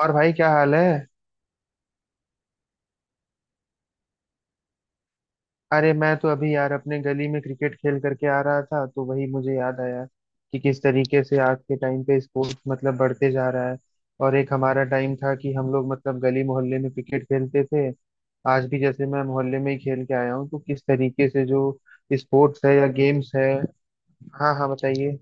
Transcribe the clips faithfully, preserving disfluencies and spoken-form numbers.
और भाई क्या हाल है। अरे मैं तो अभी यार अपने गली में क्रिकेट खेल करके आ रहा था तो वही मुझे याद आया कि किस तरीके से आज के टाइम पे स्पोर्ट्स मतलब बढ़ते जा रहा है। और एक हमारा टाइम था कि हम लोग मतलब गली मोहल्ले में क्रिकेट खेलते थे। आज भी जैसे मैं मोहल्ले में ही खेल के आया हूँ तो किस तरीके से जो स्पोर्ट्स है या गेम्स है। हाँ हाँ, बताइए।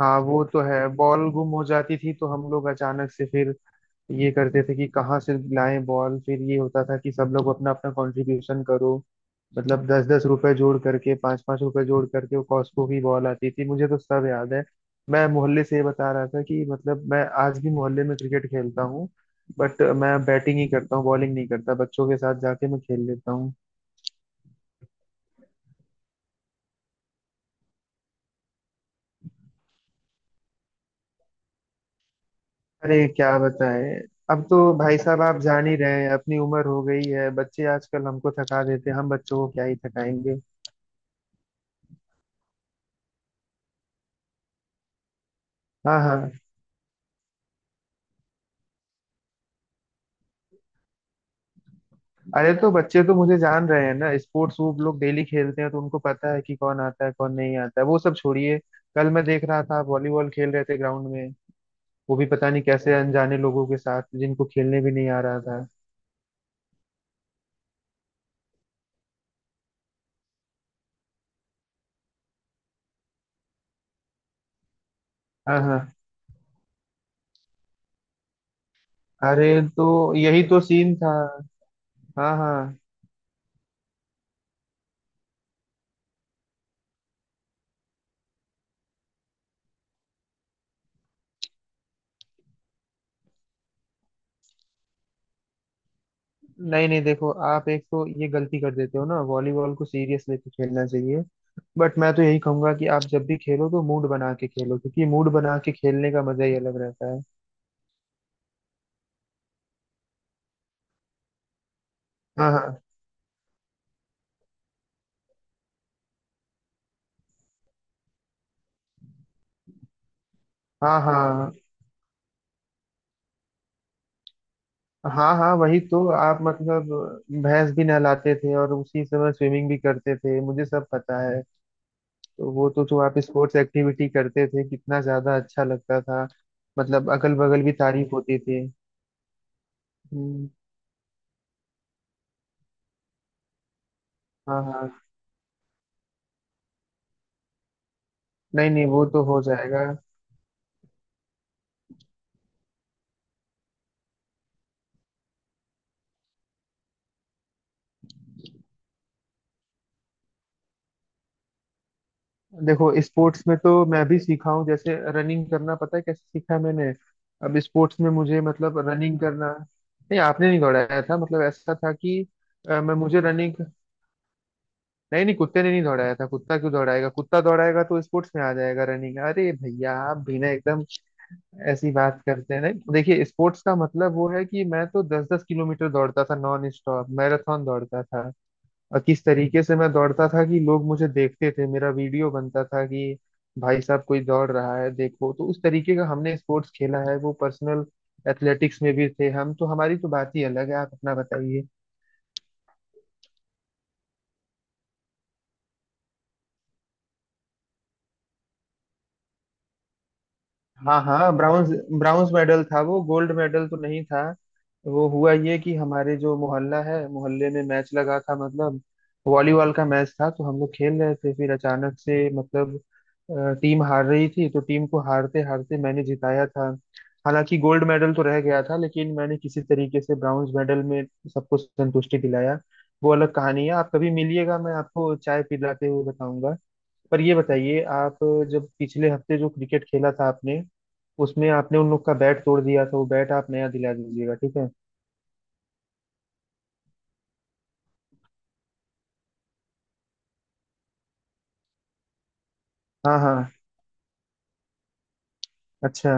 हाँ वो तो है, बॉल गुम हो जाती थी तो हम लोग अचानक से फिर ये करते थे कि कहाँ से लाएं बॉल। फिर ये होता था कि सब लोग अपना अपना कंट्रीब्यूशन करो। मतलब दस दस रुपए जोड़ करके पांच पांच रुपए जोड़ करके वो कॉस्को की बॉल आती थी, मुझे तो सब याद है। मैं मोहल्ले से ये बता रहा था कि मतलब मैं आज भी मोहल्ले में क्रिकेट खेलता हूँ। बट मैं बैटिंग ही करता हूँ, बॉलिंग नहीं करता, बच्चों के साथ जाके मैं खेल लेता हूँ। अरे क्या बताएं। अब तो भाई साहब आप जान ही रहे हैं अपनी उम्र हो गई है, बच्चे आजकल हमको थका देते हैं, हम बच्चों को क्या ही थकाएंगे। हाँ हाँ। अरे तो बच्चे तो मुझे जान रहे हैं ना, स्पोर्ट्स वो लोग डेली खेलते हैं तो उनको पता है कि कौन आता है कौन नहीं आता है। वो सब छोड़िए, कल मैं देख रहा था आप वॉलीबॉल खेल रहे थे ग्राउंड में। वो भी पता नहीं कैसे अनजाने लोगों के साथ, जिनको खेलने भी नहीं आ रहा था। हाँ हाँ। अरे तो यही तो सीन था। हाँ हाँ। नहीं नहीं, देखो आप एक तो ये गलती कर देते हो ना, वॉलीबॉल को सीरियस लेके खेलना चाहिए। बट मैं तो यही कहूंगा कि आप जब भी खेलो तो मूड बना के खेलो, क्योंकि मूड बना के खेलने का मजा ही अलग रहता है। हाँ हाँ। हाँ हाँ। हाँ हाँ वही तो आप मतलब भैंस भी नहलाते थे और उसी समय स्विमिंग भी करते थे, मुझे सब पता है। तो वो तो जो आप स्पोर्ट्स एक्टिविटी करते थे कितना ज्यादा अच्छा लगता था, मतलब अगल बगल भी तारीफ होती थी। हम्म, हाँ हाँ। नहीं नहीं, वो तो हो जाएगा। देखो स्पोर्ट्स में तो मैं भी सीखा हूँ, जैसे रनिंग करना, पता है कैसे सीखा है मैंने। अब स्पोर्ट्स में मुझे मतलब रनिंग करना। नहीं आपने नहीं दौड़ाया था, मतलब ऐसा था कि अ, मैं मुझे रनिंग। नहीं नहीं कुत्ते ने नहीं दौड़ाया था, कुत्ता क्यों दौड़ाएगा, कुत्ता दौड़ाएगा तो स्पोर्ट्स में आ जाएगा रनिंग। अरे भैया आप भी ना एकदम ऐसी बात करते हैं। नहीं देखिए स्पोर्ट्स का मतलब वो है कि मैं तो दस दस किलोमीटर दौड़ता था, नॉन स्टॉप मैराथन दौड़ता था। और किस तरीके से मैं दौड़ता था कि लोग मुझे देखते थे, मेरा वीडियो बनता था कि भाई साहब कोई दौड़ रहा है देखो। तो उस तरीके का हमने स्पोर्ट्स खेला है, वो पर्सनल। एथलेटिक्स में भी थे हम तो, हमारी तो बात ही अलग है। आप अपना बताइए। हाँ हाँ ब्राउन्स। ब्राउन्स मेडल था वो, गोल्ड मेडल तो नहीं था। वो हुआ ये कि हमारे जो मोहल्ला है, मोहल्ले में मैच लगा था, मतलब वॉलीबॉल का मैच था। तो हम लोग खेल रहे थे, फिर अचानक से मतलब टीम हार रही थी, तो टीम को हारते हारते मैंने जिताया था। हालांकि गोल्ड मेडल तो रह गया था, लेकिन मैंने किसी तरीके से ब्राउन्स मेडल में सबको संतुष्टि दिलाया। वो अलग कहानी है, आप कभी मिलिएगा, मैं आपको चाय पिलाते हुए बताऊंगा। पर ये बताइए आप, जब पिछले हफ्ते जो क्रिकेट खेला था आपने, उसमें आपने उन लोग का बैट तोड़ दिया था, वो बैट आप नया दिला दीजिएगा, ठीक है। हाँ हाँ। अच्छा।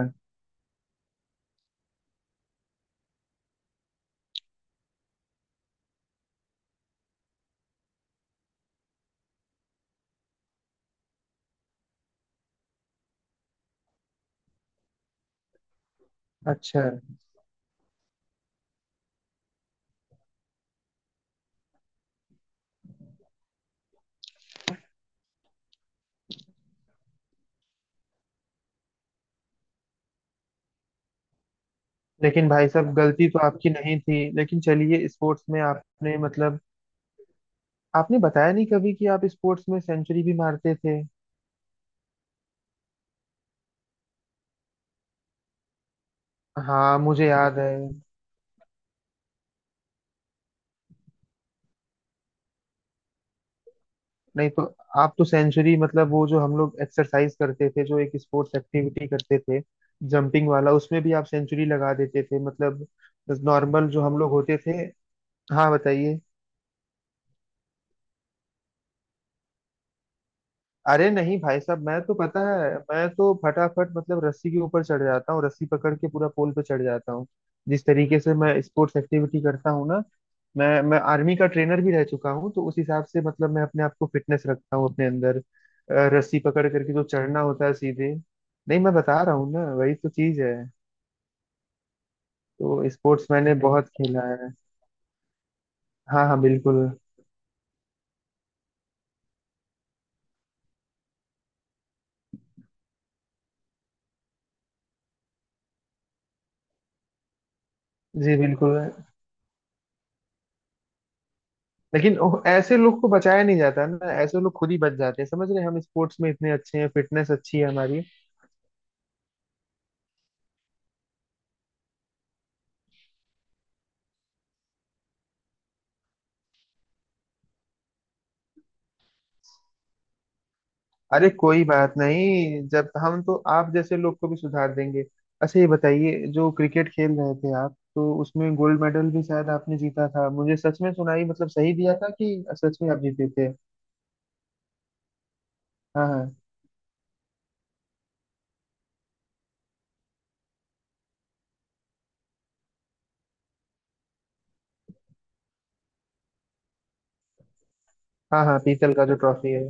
अच्छा। लेकिन भाई साहब गलती तो आपकी नहीं थी, लेकिन चलिए स्पोर्ट्स में आपने मतलब आपने बताया नहीं कभी कि आप स्पोर्ट्स में सेंचुरी भी मारते थे। हाँ मुझे याद है। नहीं तो आप तो सेंचुरी मतलब वो जो हम लोग एक्सरसाइज करते थे, जो एक स्पोर्ट्स एक्टिविटी करते थे, जंपिंग वाला, उसमें भी आप सेंचुरी लगा देते थे मतलब नॉर्मल जो हम लोग होते थे। हाँ बताइए। अरे नहीं भाई साहब, मैं तो पता है मैं तो फटाफट मतलब रस्सी के ऊपर चढ़ जाता हूँ, रस्सी पकड़ के पूरा पोल पे चढ़ जाता हूँ। जिस तरीके से मैं स्पोर्ट्स एक्टिविटी करता हूँ ना, मैं मैं आर्मी का ट्रेनर भी रह चुका हूँ, तो उस हिसाब से मतलब मैं अपने आप को फिटनेस रखता हूँ अपने अंदर अ, रस्सी पकड़ करके जो चढ़ना होता है सीधे। नहीं मैं बता रहा हूँ ना, वही तो चीज है। तो स्पोर्ट्स मैंने बहुत खेला है। हाँ हाँ बिल्कुल। जी बिल्कुल। लेकिन ओ- ऐसे लोग को बचाया नहीं जाता ना, ऐसे लोग खुद ही बच जाते हैं। समझ रहे हैं, हम स्पोर्ट्स में इतने अच्छे हैं, फिटनेस अच्छी है हमारी। अरे कोई बात नहीं, जब हम तो आप जैसे लोग को भी सुधार देंगे। अच्छा ये बताइए, जो क्रिकेट खेल रहे थे आप तो उसमें गोल्ड मेडल भी शायद आपने जीता था, मुझे सच में सुनाई मतलब सही दिया था कि सच में आप जीते थे। हाँ हाँ। हाँ हाँ पीतल का जो ट्रॉफी है।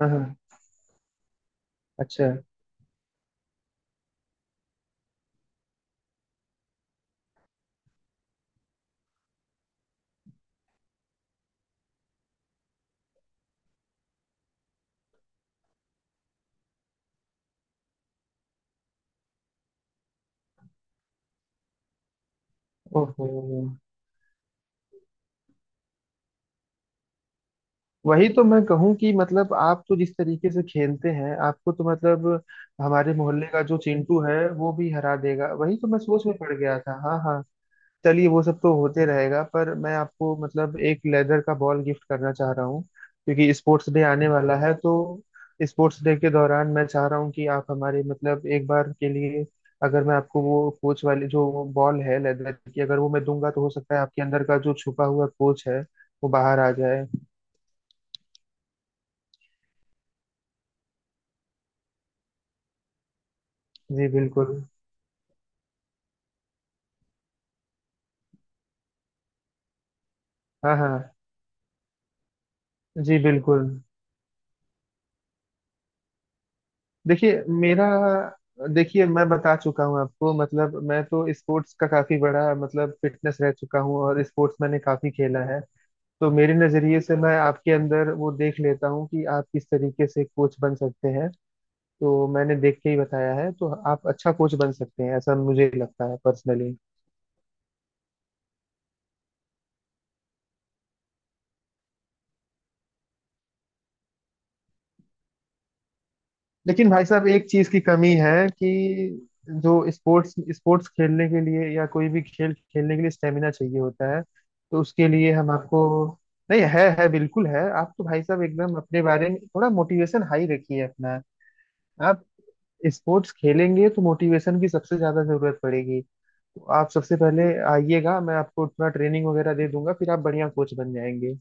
हाँ हाँ। अच्छा। ओहो। वही तो मैं कहूँ कि मतलब आप तो जिस तरीके से खेलते हैं, आपको तो मतलब हमारे मोहल्ले का जो चिंटू है वो भी हरा देगा। वही तो मैं सोच में पड़ गया था। हाँ हाँ। चलिए वो सब तो होते रहेगा, पर मैं आपको मतलब एक लेदर का बॉल गिफ्ट करना चाह रहा हूँ, क्योंकि स्पोर्ट्स डे आने वाला है तो स्पोर्ट्स डे के दौरान मैं चाह रहा हूँ कि आप हमारे मतलब एक बार के लिए, अगर मैं आपको वो कोच वाली जो बॉल है लेदर की, अगर वो मैं दूंगा तो हो सकता है आपके अंदर का जो छुपा हुआ कोच है वो बाहर आ जाए। जी बिल्कुल। हाँ हाँ। जी बिल्कुल। देखिए मेरा। देखिए मैं बता चुका हूँ आपको, मतलब मैं तो स्पोर्ट्स का काफी बड़ा मतलब फिटनेस रह चुका हूँ और स्पोर्ट्स मैंने काफी खेला है। तो मेरे नजरिए से मैं आपके अंदर वो देख लेता हूँ कि आप किस तरीके से कोच बन सकते हैं। तो मैंने देख के ही बताया है, तो आप अच्छा कोच बन सकते हैं ऐसा मुझे लगता है, पर्सनली। लेकिन भाई साहब एक चीज की कमी है कि जो स्पोर्ट्स स्पोर्ट्स खेलने के लिए या कोई भी खेल खेलने के लिए स्टेमिना चाहिए होता है, तो उसके लिए हम आपको। नहीं है, है बिल्कुल है, आप तो भाई साहब एकदम अपने बारे में थोड़ा मोटिवेशन हाई रखिए अपना। आप स्पोर्ट्स खेलेंगे तो मोटिवेशन की सबसे ज्यादा जरूरत पड़ेगी। तो आप सबसे पहले आइएगा, मैं आपको थोड़ा ट्रेनिंग वगैरह दे दूंगा, फिर आप बढ़िया कोच बन जाएंगे।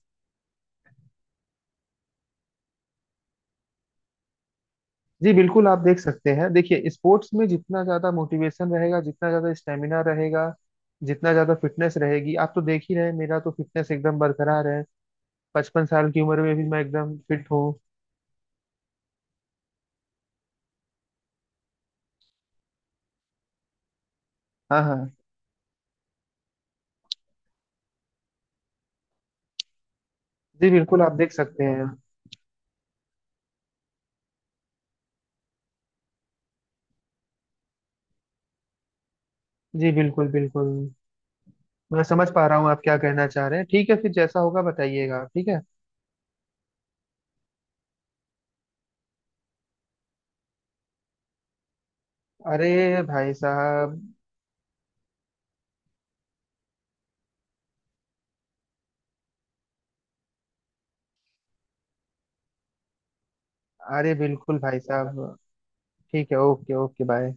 जी बिल्कुल आप देख सकते हैं। देखिए स्पोर्ट्स में जितना ज्यादा मोटिवेशन रहेगा, जितना ज्यादा स्टेमिना रहेगा, जितना ज्यादा फिटनेस रहेगी, आप तो देख ही रहे हैं, मेरा तो फिटनेस एकदम बरकरार है। पचपन साल की उम्र में भी मैं एकदम फिट हूँ। हाँ हाँ। जी बिल्कुल आप देख सकते हैं। जी बिल्कुल बिल्कुल। मैं समझ पा रहा हूँ आप क्या कहना चाह रहे हैं, ठीक है फिर जैसा होगा बताइएगा आप, ठीक है। अरे भाई साहब। अरे बिल्कुल भाई साहब। ठीक है, ओके ओके, बाय।